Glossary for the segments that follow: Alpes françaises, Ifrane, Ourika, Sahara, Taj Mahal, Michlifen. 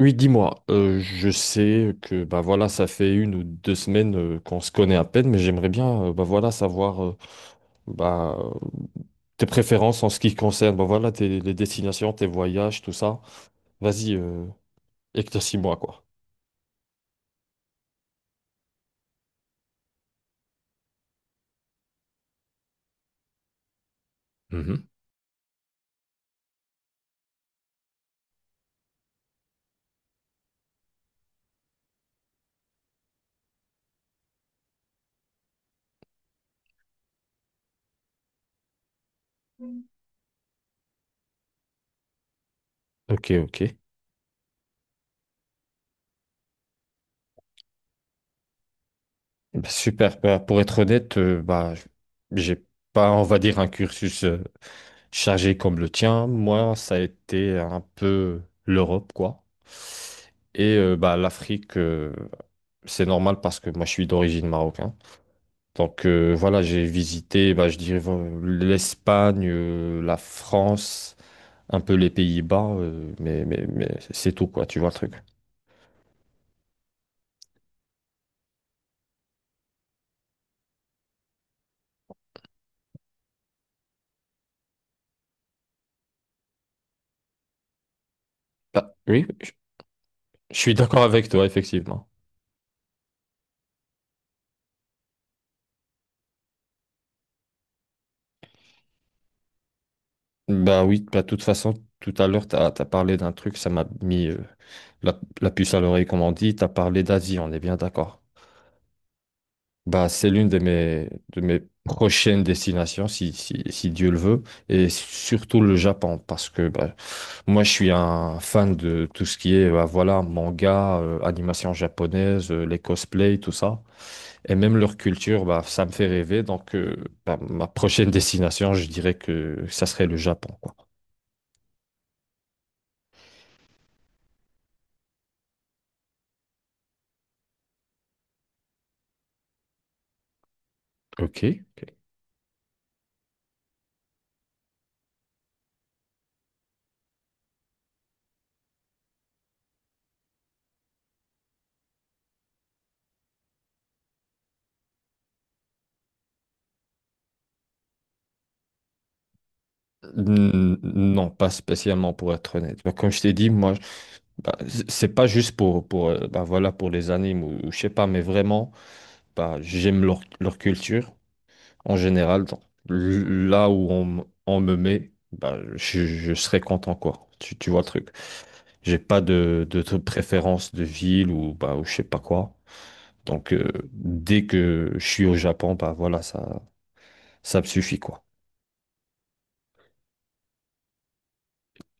Oui, dis-moi, je sais que bah voilà, ça fait 1 ou 2 semaines qu'on se connaît à peine, mais j'aimerais bien bah voilà savoir bah, euh, tes préférences en ce qui concerne bah voilà les destinations, tes voyages, tout ça. Vas-y, éclaircis-moi quoi. Mhm. Ok, ok. Eh ben, super. Bah, pour être honnête, j'ai pas, on va dire, un cursus chargé comme le tien. Moi, ça a été un peu l'Europe quoi. Et bah l'Afrique. C'est normal parce que moi je suis d'origine marocaine. Donc voilà, j'ai visité, bah, je dirais, l'Espagne, la France, un peu les Pays-Bas, mais c'est tout quoi, tu vois le truc. Bah, oui, je suis d'accord avec toi, effectivement. Bah oui, bah, de toute façon, tout à l'heure, tu as, parlé d'un truc, ça m'a mis la puce à l'oreille, comme on dit, tu as parlé d'Asie, on est bien d'accord. Bah, c'est l'une de mes prochaines destinations, si Dieu le veut, et surtout le Japon, parce que bah, moi, je suis un fan de tout ce qui est, bah, voilà, manga, animation japonaise, les cosplays, tout ça. Et même leur culture, bah, ça me fait rêver. Donc, bah, ma prochaine destination, je dirais que ça serait le Japon, quoi. Ok. Ok. N- Non, pas spécialement pour être honnête. Bah, comme je t'ai dit, bah, c'est pas juste pour, bah, voilà, pour les animes ou je sais pas, mais vraiment, bah, j'aime leur culture. En général, là où on me met, bah, je serai content, quoi. Tu vois le truc. J'ai pas de préférence de ville ou, bah, ou je sais pas quoi. Donc, dès que je suis au Japon, bah voilà, ça me suffit, quoi.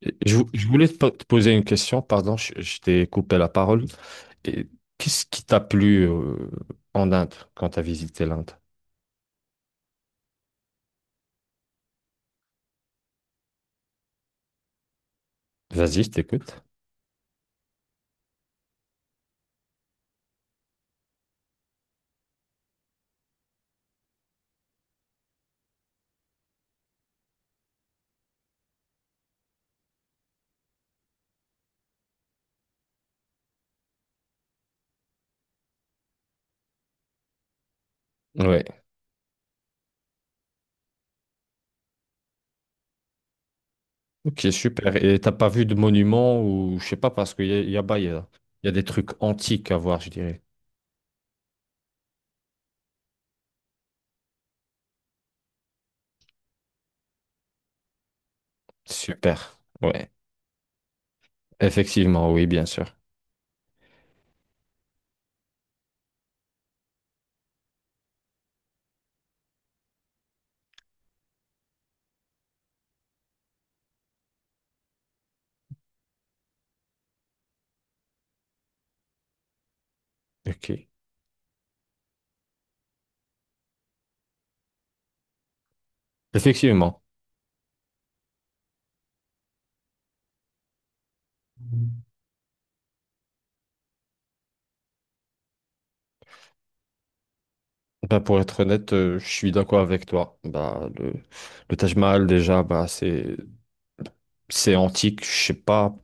Et je voulais te poser une question, pardon, je t'ai coupé la parole. Et qu'est-ce qui t'a plu, en Inde quand t'as visité l'Inde? Vas-y, je t'écoute. Ouais. Ok, super. Et t'as pas vu de monuments ou je sais pas parce qu'il y a, y a, bah, y a- y a des trucs antiques à voir, je dirais. Super. Ouais. Effectivement, oui, bien sûr. Ok. Effectivement. Bah, pour être honnête, je suis d'accord avec toi. Bah, le Taj Mahal, déjà, bah, c'est antique. Je sais pas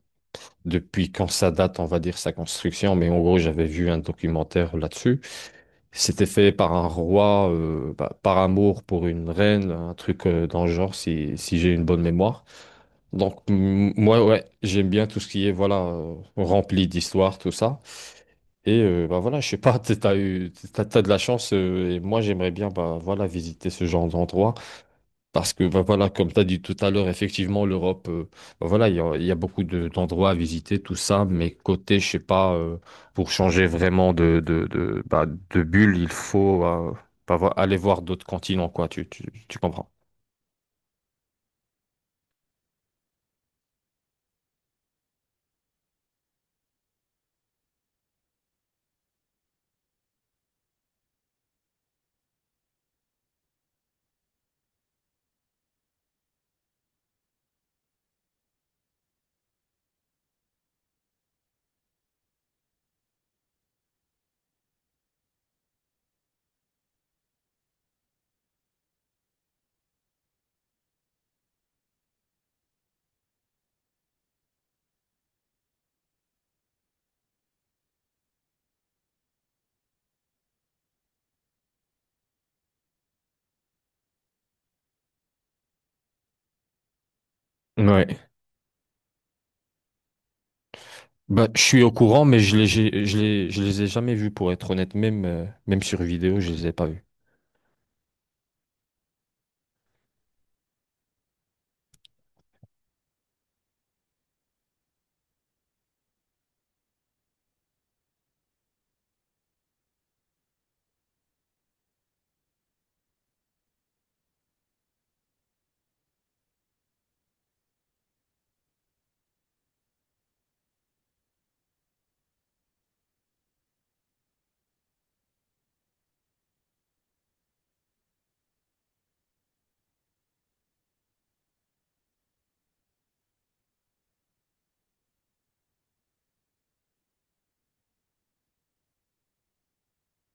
depuis quand ça date, on va dire, sa construction, mais en gros, j'avais vu un documentaire là-dessus. C'était fait par un roi, bah, par amour pour une reine, un truc dans le genre, si j'ai une bonne mémoire. Donc, moi, ouais, j'aime bien tout ce qui est, voilà, rempli d'histoire, tout ça. Et, bah voilà, je sais pas, t'as de la chance, et moi, j'aimerais bien, bah voilà, visiter ce genre d'endroit. Parce que bah, voilà, comme tu as dit tout à l'heure, effectivement, l'Europe, bah, voilà, il y a beaucoup d'endroits à visiter, tout ça, mais côté, je sais pas, pour changer vraiment de bulle, il faut bah, aller voir d'autres continents, quoi, tu comprends. Ouais. Bah, je suis au courant, mais je les, j'ai- je les ai jamais vus, pour être honnête, même, même sur vidéo, je les ai pas vus.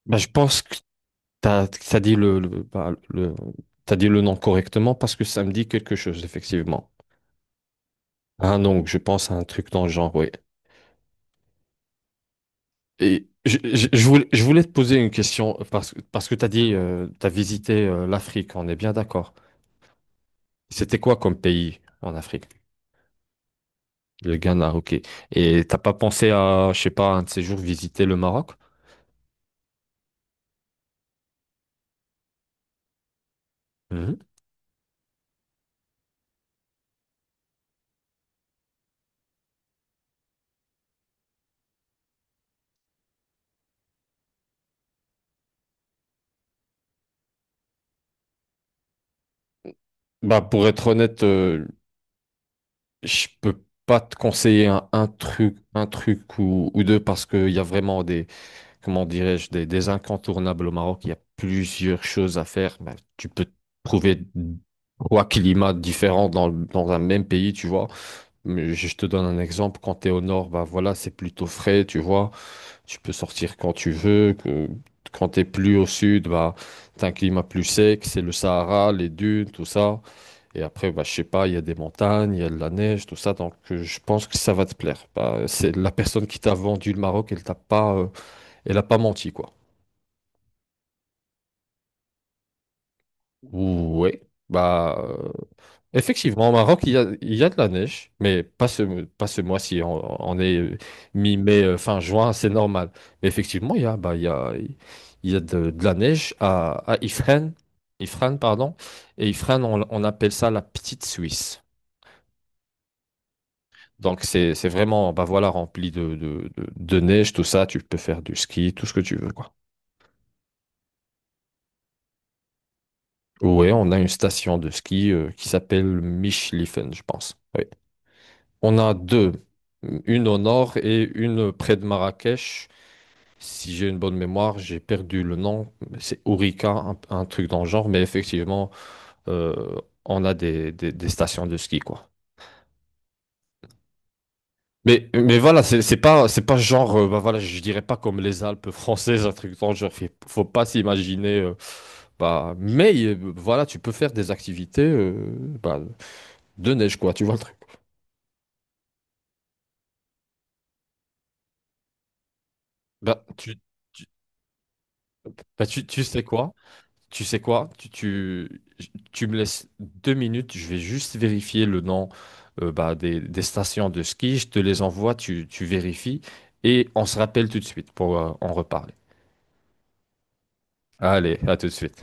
Bah, je pense que t'as, t'as dit le, le, bah, le, t'as dit le nom correctement parce que ça me dit quelque chose, effectivement. Ah non, je pense à un truc dans le genre, oui. Et je voulais te poser une question parce que tu as dit, tu as visité l'Afrique, on est bien d'accord. C'était quoi comme pays en Afrique? Le Ghana, ok. Et t'as pas pensé à, je sais pas, un de ces jours visiter le Maroc? Mhm. Bah, pour être honnête, je peux pas te conseiller un truc ou deux parce qu'il y a vraiment comment dirais-je, des incontournables au Maroc. Il y a plusieurs choses à faire. Ben, tu peux trouver trois climats différents dans un même pays, tu vois. Mais je te donne un exemple. Quand tu es au nord, bah voilà, c'est plutôt frais, tu vois. Tu peux sortir quand tu veux. Quand tu es plus au sud, bah, tu as un climat plus sec, c'est le Sahara, les dunes, tout ça. Et après, bah, je sais pas, il y a des montagnes, il y a de la neige, tout ça. Donc, je pense que ça va te plaire. Bah, c'est la personne qui t'a vendu le Maroc, elle t'a pas, elle a pas menti, quoi. Ouais. Bah, effectivement, au Maroc, il y a de la neige, mais pas ce mois-ci. On est mi-mai, fin juin, c'est normal. Mais effectivement, il y a, bah, il y a de la neige à Ifrane, Ifrane, pardon. Et Ifrane, on appelle ça la petite Suisse. Donc, c'est vraiment, bah voilà, rempli de neige, tout ça. Tu peux faire du ski, tout ce que tu veux, quoi. Ouais, on a une station de ski qui s'appelle Michlifen, je pense. Ouais. On a deux, une au nord et une près de Marrakech. Si j'ai une bonne mémoire, j'ai perdu le nom. C'est Ourika, un truc dans le genre, mais effectivement, euh, on a des, des stations de ski, quoi. Mais voilà, c'est pas genre, bah voilà, je dirais pas comme les Alpes françaises, un truc dans le genre. Faut pas s'imaginer. euh,, bah, mais voilà, tu peux faire des activités bah, de neige, quoi, tu vois le truc. Bah, tu- tu sais quoi? Tu sais quoi? Tu me laisses 2 minutes, je vais juste vérifier le nom bah, des stations de ski, je te les envoie, tu vérifies et on se rappelle tout de suite pour en reparler. Allez, à tout de suite.